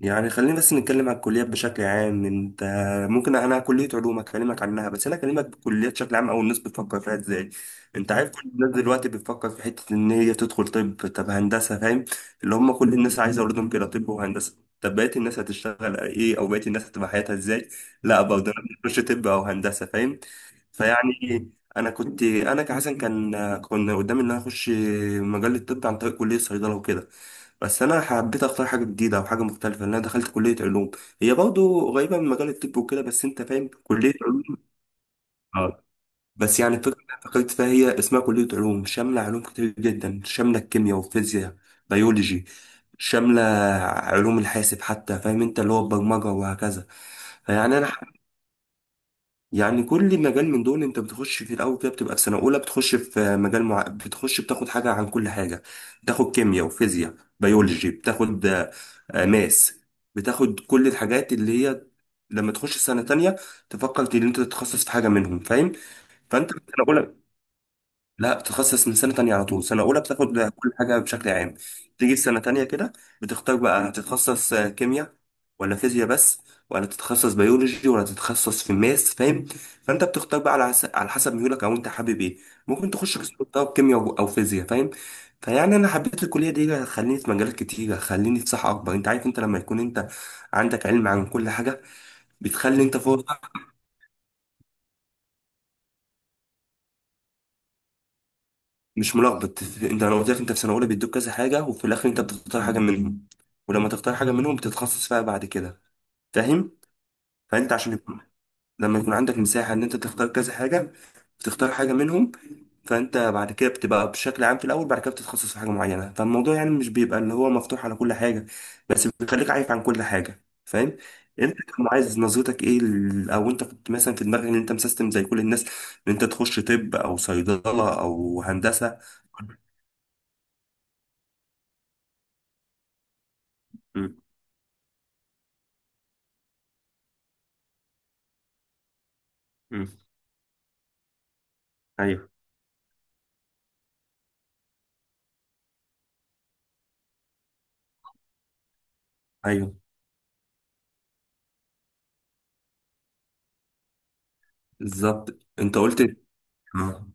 يعني خلينا بس نتكلم عن الكليات بشكل عام. انت ممكن، انا كلية علوم اكلمك عنها، بس انا اكلمك بالكليات بشكل عام او الناس بتفكر فيها ازاي. انت عارف كل الناس دلوقتي بتفكر في حتة ان هي تدخل طب هندسة، فاهم؟ اللي هم كل الناس عايزة اولادهم كده طب وهندسة. طب بقية الناس هتشتغل ايه، او بقية الناس هتبقى حياتها ازاي؟ لا، برضه انا بخش طب او هندسة، فاهم؟ فيعني انا كحسن كنا قدامي ان انا اخش مجال الطب عن طريق كلية صيدلة وكده، بس انا حبيت اختار حاجه جديده او حاجه مختلفه، لان انا دخلت كليه علوم. هي برضه قريبه من مجال الطب وكده، بس انت فاهم كليه علوم. اه. بس يعني الفكره اللي أنا فكرت فيها، هي اسمها كليه علوم، شامله علوم كتير جدا، شامله الكيمياء والفيزياء، بيولوجي، شامله علوم الحاسب حتى، فاهم انت اللي هو البرمجه وهكذا. فيعني انا يعني كل مجال من دول انت بتخش في الاول كده، بتبقى في سنه اولى، بتخش في مجال مع... بتخش بتاخد حاجه عن كل حاجه، بتاخد كيمياء وفيزياء، بيولوجي، بتاخد ماس، بتاخد كل الحاجات اللي هي لما تخش سنه تانية تفكر ان انت تتخصص في حاجه منهم، فاهم؟ فانت في سنه اولى لا، بتتخصص من سنة تانية على طول. سنة أولى بتاخد كل حاجة بشكل عام، تيجي في سنة تانية كده بتختار بقى هتتخصص كيمياء ولا فيزياء، بس ولا تتخصص بيولوجي ولا تتخصص في الماس، فاهم؟ فأنت بتختار بقى على حسب ميولك أو أنت حابب إيه. ممكن تخش قسم طب كيمياء أو فيزياء، فاهم؟ فيعني أنا حبيت الكلية دي هتخليني في مجالات كتير، هتخليني في صحة أكبر. أنت عارف أنت لما يكون أنت عندك علم عن كل حاجة، بتخلي أنت فرصك. مش ملخبط. انت لو قلت لك انت في سنه اولى بيدوك كذا حاجه، وفي الاخر انت بتختار حاجه منهم، ولما تختار حاجه منهم بتتخصص فيها بعد كده، فاهم؟ فانت عشان يكون- لما يكون عندك مساحه ان انت تختار كذا حاجه، بتختار حاجه منهم، فانت بعد كده بتبقى بشكل عام في الاول، بعد كده بتتخصص في حاجه معينه. فالموضوع يعني مش بيبقى اللي هو مفتوح على كل حاجه، بس بيخليك عارف عن كل حاجه، فاهم؟ انت كان عايز نظرتك ايه، او انت كنت مثلا في دماغك ان انت مسيستم زي كل الناس، ان انت تخش طب او صيدله او هندسه؟ مم. ايوه، ايوه. بالظبط، انت قلت. اه.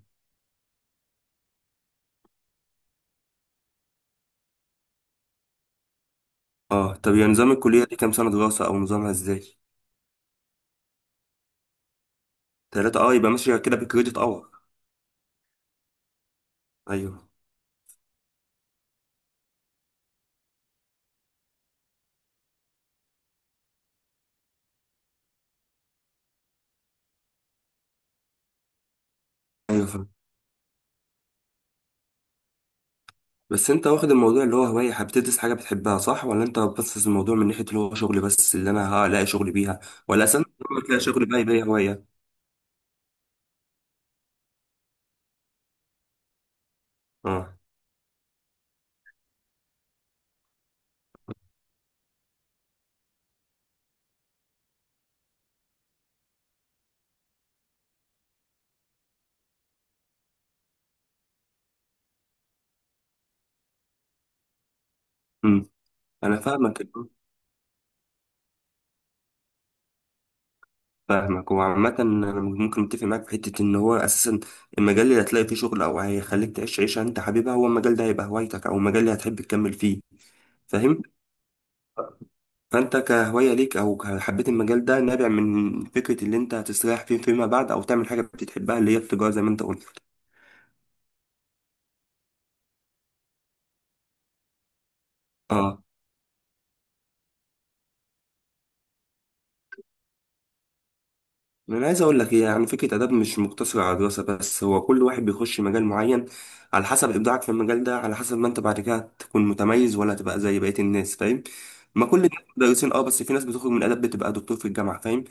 اه، طب يا نظام الكليه دي كام سنه دراسه، او نظامها ازاي؟ 3، اه، يبقى ماشيه كده بكريدت اور. ايوه، ايوه، فاهم. بس انت واخد الموضوع اللي هو هوايه، بتدرس حاجه بتحبها، صح؟ ولا انت بس الموضوع من ناحيه اللي هو شغل، بس اللي انا هلاقي شغل بيها؟ ولا اصلا لما تلاقي شغل بقى يبقى هي هوايه. اه. امم. انا فاهمك. فاهمك، وعامة أنا ممكن أتفق معاك في حتة إن هو أساسا المجال اللي هتلاقي فيه شغل أو هيخليك تعيش عيشة أنت حاببها، هو المجال ده هيبقى هوايتك أو المجال اللي هتحب تكمل فيه، فاهم؟ فأنت كهواية ليك حبيت المجال ده نابع من فكرة اللي أنت هتستريح فيه فيما بعد أو تعمل حاجة بتحبها، اللي هي التجارة زي ما أنت قلت. اه. انا عايز اقول لك إيه، يعني فكره اداب مش مقتصره على دراسه بس. هو كل واحد بيخش مجال معين، على حسب ابداعك في المجال ده، على حسب ما انت بعد كده تكون متميز ولا تبقى زي بقيه الناس، فاهم؟ ما كل الناس مدرسين، اه، بس في ناس بتخرج من اداب بتبقى دكتور في الجامعه، فاهم؟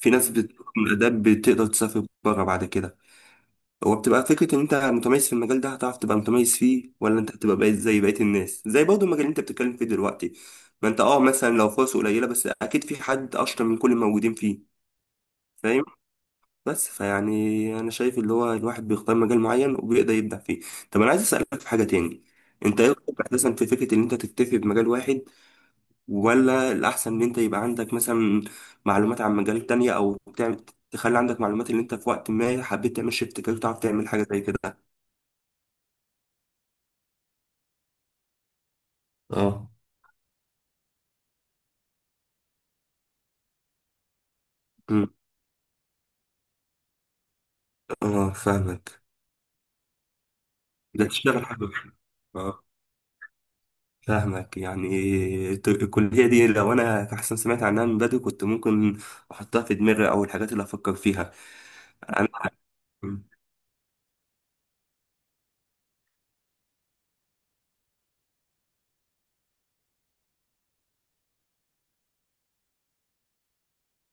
في ناس بتخرج من اداب بتقدر تسافر بره بعد كده. هو بتبقى فكره ان انت متميز في المجال ده، هتعرف تبقى متميز فيه ولا انت هتبقى بقيت زي بقيه الناس، زي برضه المجال اللي انت بتتكلم فيه دلوقتي. ما انت مثلا لو فرصه قليله، بس اكيد في حد اشطر من كل الموجودين فيه، فاهم؟ بس فيعني انا شايف اللي هو الواحد بيختار مجال معين وبيقدر يبدع فيه. طب انا عايز اسالك في حاجه تاني. انت ايه رايك اساسا في فكره ان انت تكتفي بمجال واحد، ولا الاحسن ان انت يبقى عندك مثلا معلومات عن مجالات تانية، او تعمل، تخلي عندك معلومات اللي انت في وقت ما حبيت تعمل شيفت كارير تعرف تعمل حاجه زي كده؟ اه. أمم. اه، فاهمك. ده تشتغل حاجه واحدة. اه، فاهمك. يعني الكلية دي لو أنا أحسن سمعت عنها من بدري، كنت ممكن أحطها في دماغي أو الحاجات اللي أفكر فيها. أنا.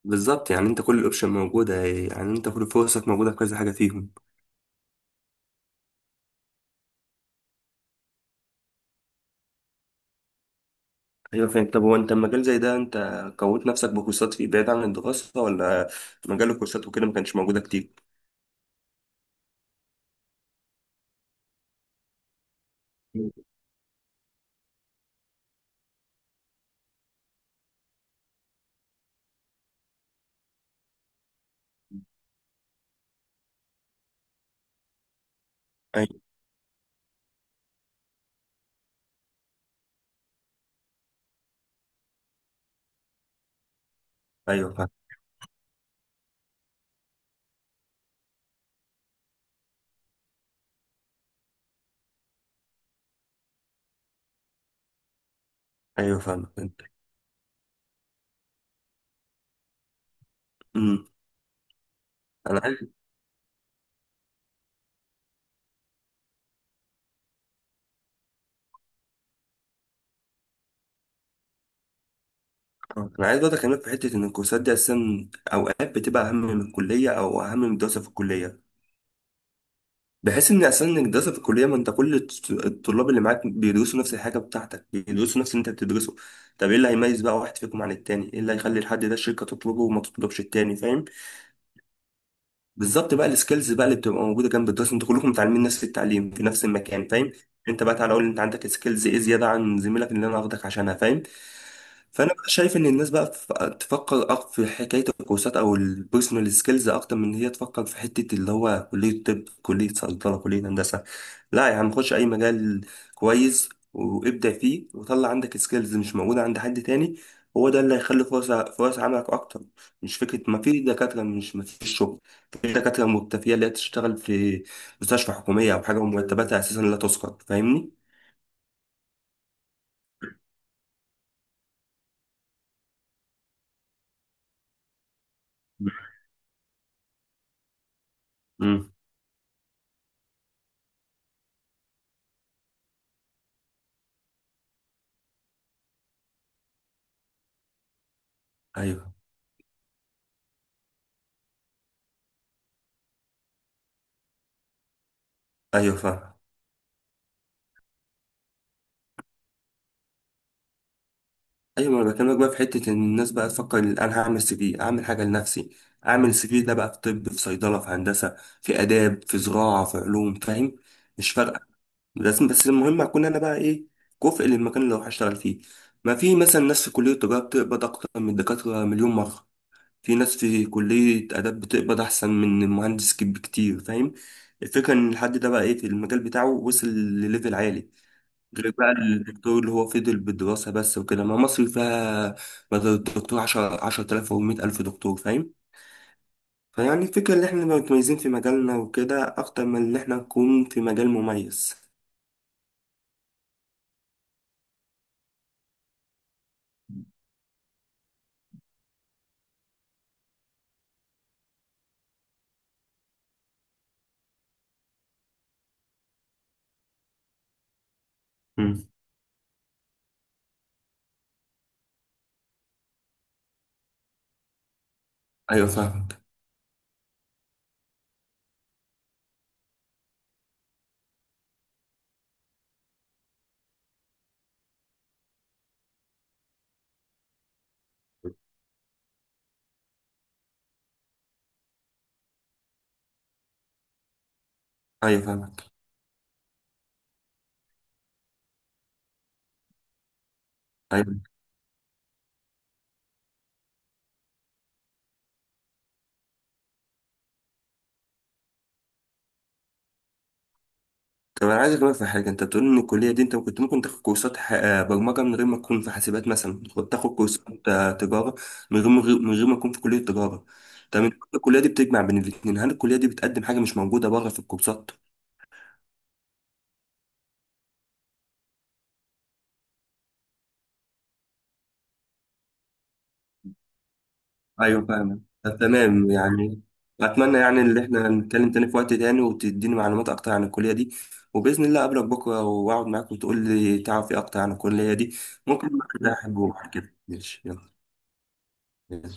بالظبط، يعني أنت كل الأوبشن موجودة، يعني أنت كل فرصك موجودة في كذا حاجة فيهم. أيوة، فاهم. طب هو أنت المجال زي ده أنت كونت نفسك بكورسات فيه بعيد عن الدراسة، ولا مجال الكورسات وكده ما كانش موجودة كتير؟ ايوه، ايوه، فاهم. ايوه، فاهم، انت. امم انا عايز انا عايز برضه اكلمك في حته ان الكورسات دي اساسا اوقات بتبقى اهم من الكليه او اهم من الدراسه في الكليه، بحيث ان اصلا انك دراسه في الكليه، ما انت كل الطلاب اللي معاك بيدرسوا نفس الحاجه بتاعتك، بيدرسوا نفس اللي انت بتدرسه. طب ايه اللي هيميز بقى واحد فيكم عن التاني، ايه اللي هيخلي الحد ده الشركه تطلبه وما تطلبش التاني، فاهم؟ بالظبط، بقى السكيلز بقى اللي بتبقى موجوده جنب الدراسه، انتوا كلكم متعلمين نفس التعليم في نفس المكان، فاهم؟ انت بقى تعالى قول لي انت عندك سكيلز ايه زياده عن زميلك اللي انا واخدك عشانها، فاهم؟ فانا بقى شايف ان الناس بقى تفكر في حكايه الكورسات او البيرسونال سكيلز اكتر من ان هي تفكر في حته اللي هو كليه طب، كليه صيدله، كليه هندسه. لا يا عم، خش اي مجال كويس وابدع فيه، وطلع عندك سكيلز مش موجوده عند حد تاني. هو ده اللي هيخلي فرص، فرص عملك اكتر. مش فكره ما في دكاتره مش ما فيش شغل. في دكاترة مكتفية اللي هي تشتغل في مستشفى حكومية أو حاجة ومرتباتها أساسا لا تسقط، فاهمني؟ امم. ايوه، ايوه، فاهم. ايوه، ما انا بكلمك بقى في حته ان الناس بقى تفكر إن انا هعمل سي في، اعمل حاجه لنفسي. اعمل سي في ده بقى في طب، في صيدله، في هندسه، في اداب، في زراعه، في علوم، فاهم؟ مش فارقه. لازم بس المهم اكون انا بقى ايه، كفء للمكان اللي هروح اشتغل فيه. ما في مثلا ناس في كليه التجاره بتقبض اكتر من الدكاتره مليون مره. في ناس في كلية آداب بتقبض أحسن من المهندس بكتير، فاهم؟ الفكرة إن الحد ده بقى إيه في المجال بتاعه، وصل لليفل عالي. غير بقى الدكتور اللي هو فضل بالدراسة بس وكده، ما مصر فيها بدل الدكتور عشرة آلاف أو 100,000 دكتور، فاهم؟ فيعني الفكرة إن إحنا نبقى متميزين في مجالنا وكده أكتر من إن إحنا نكون في مجال مميز. مم. أيوة، فاهمك. أيوة، فاهمك. أيوة. طب انا عايز اكلمك في حاجه. انت بتقول ان الكليه دي انت كنت ممكن تاخد كورسات برمجه من غير ما تكون في حاسبات، مثلا كنت تاخد كورسات تجاره من غير، من غير، من غير ما تكون في كليه تجاره. طب انت الكليه دي بتجمع بين الاثنين، هل الكليه دي بتقدم حاجه مش موجوده بره في الكورسات؟ ايوه، فاهم. طب تمام، يعني اتمنى يعني ان احنا نتكلم تاني في وقت تاني، وتديني معلومات اكتر عن الكليه دي، وباذن الله اقابلك بكره واقعد معاك وتقول لي تعرف ايه اكتر عن الكليه دي. ممكن بقى ده احبه بعد كده، ماشي؟ يلا، يلا.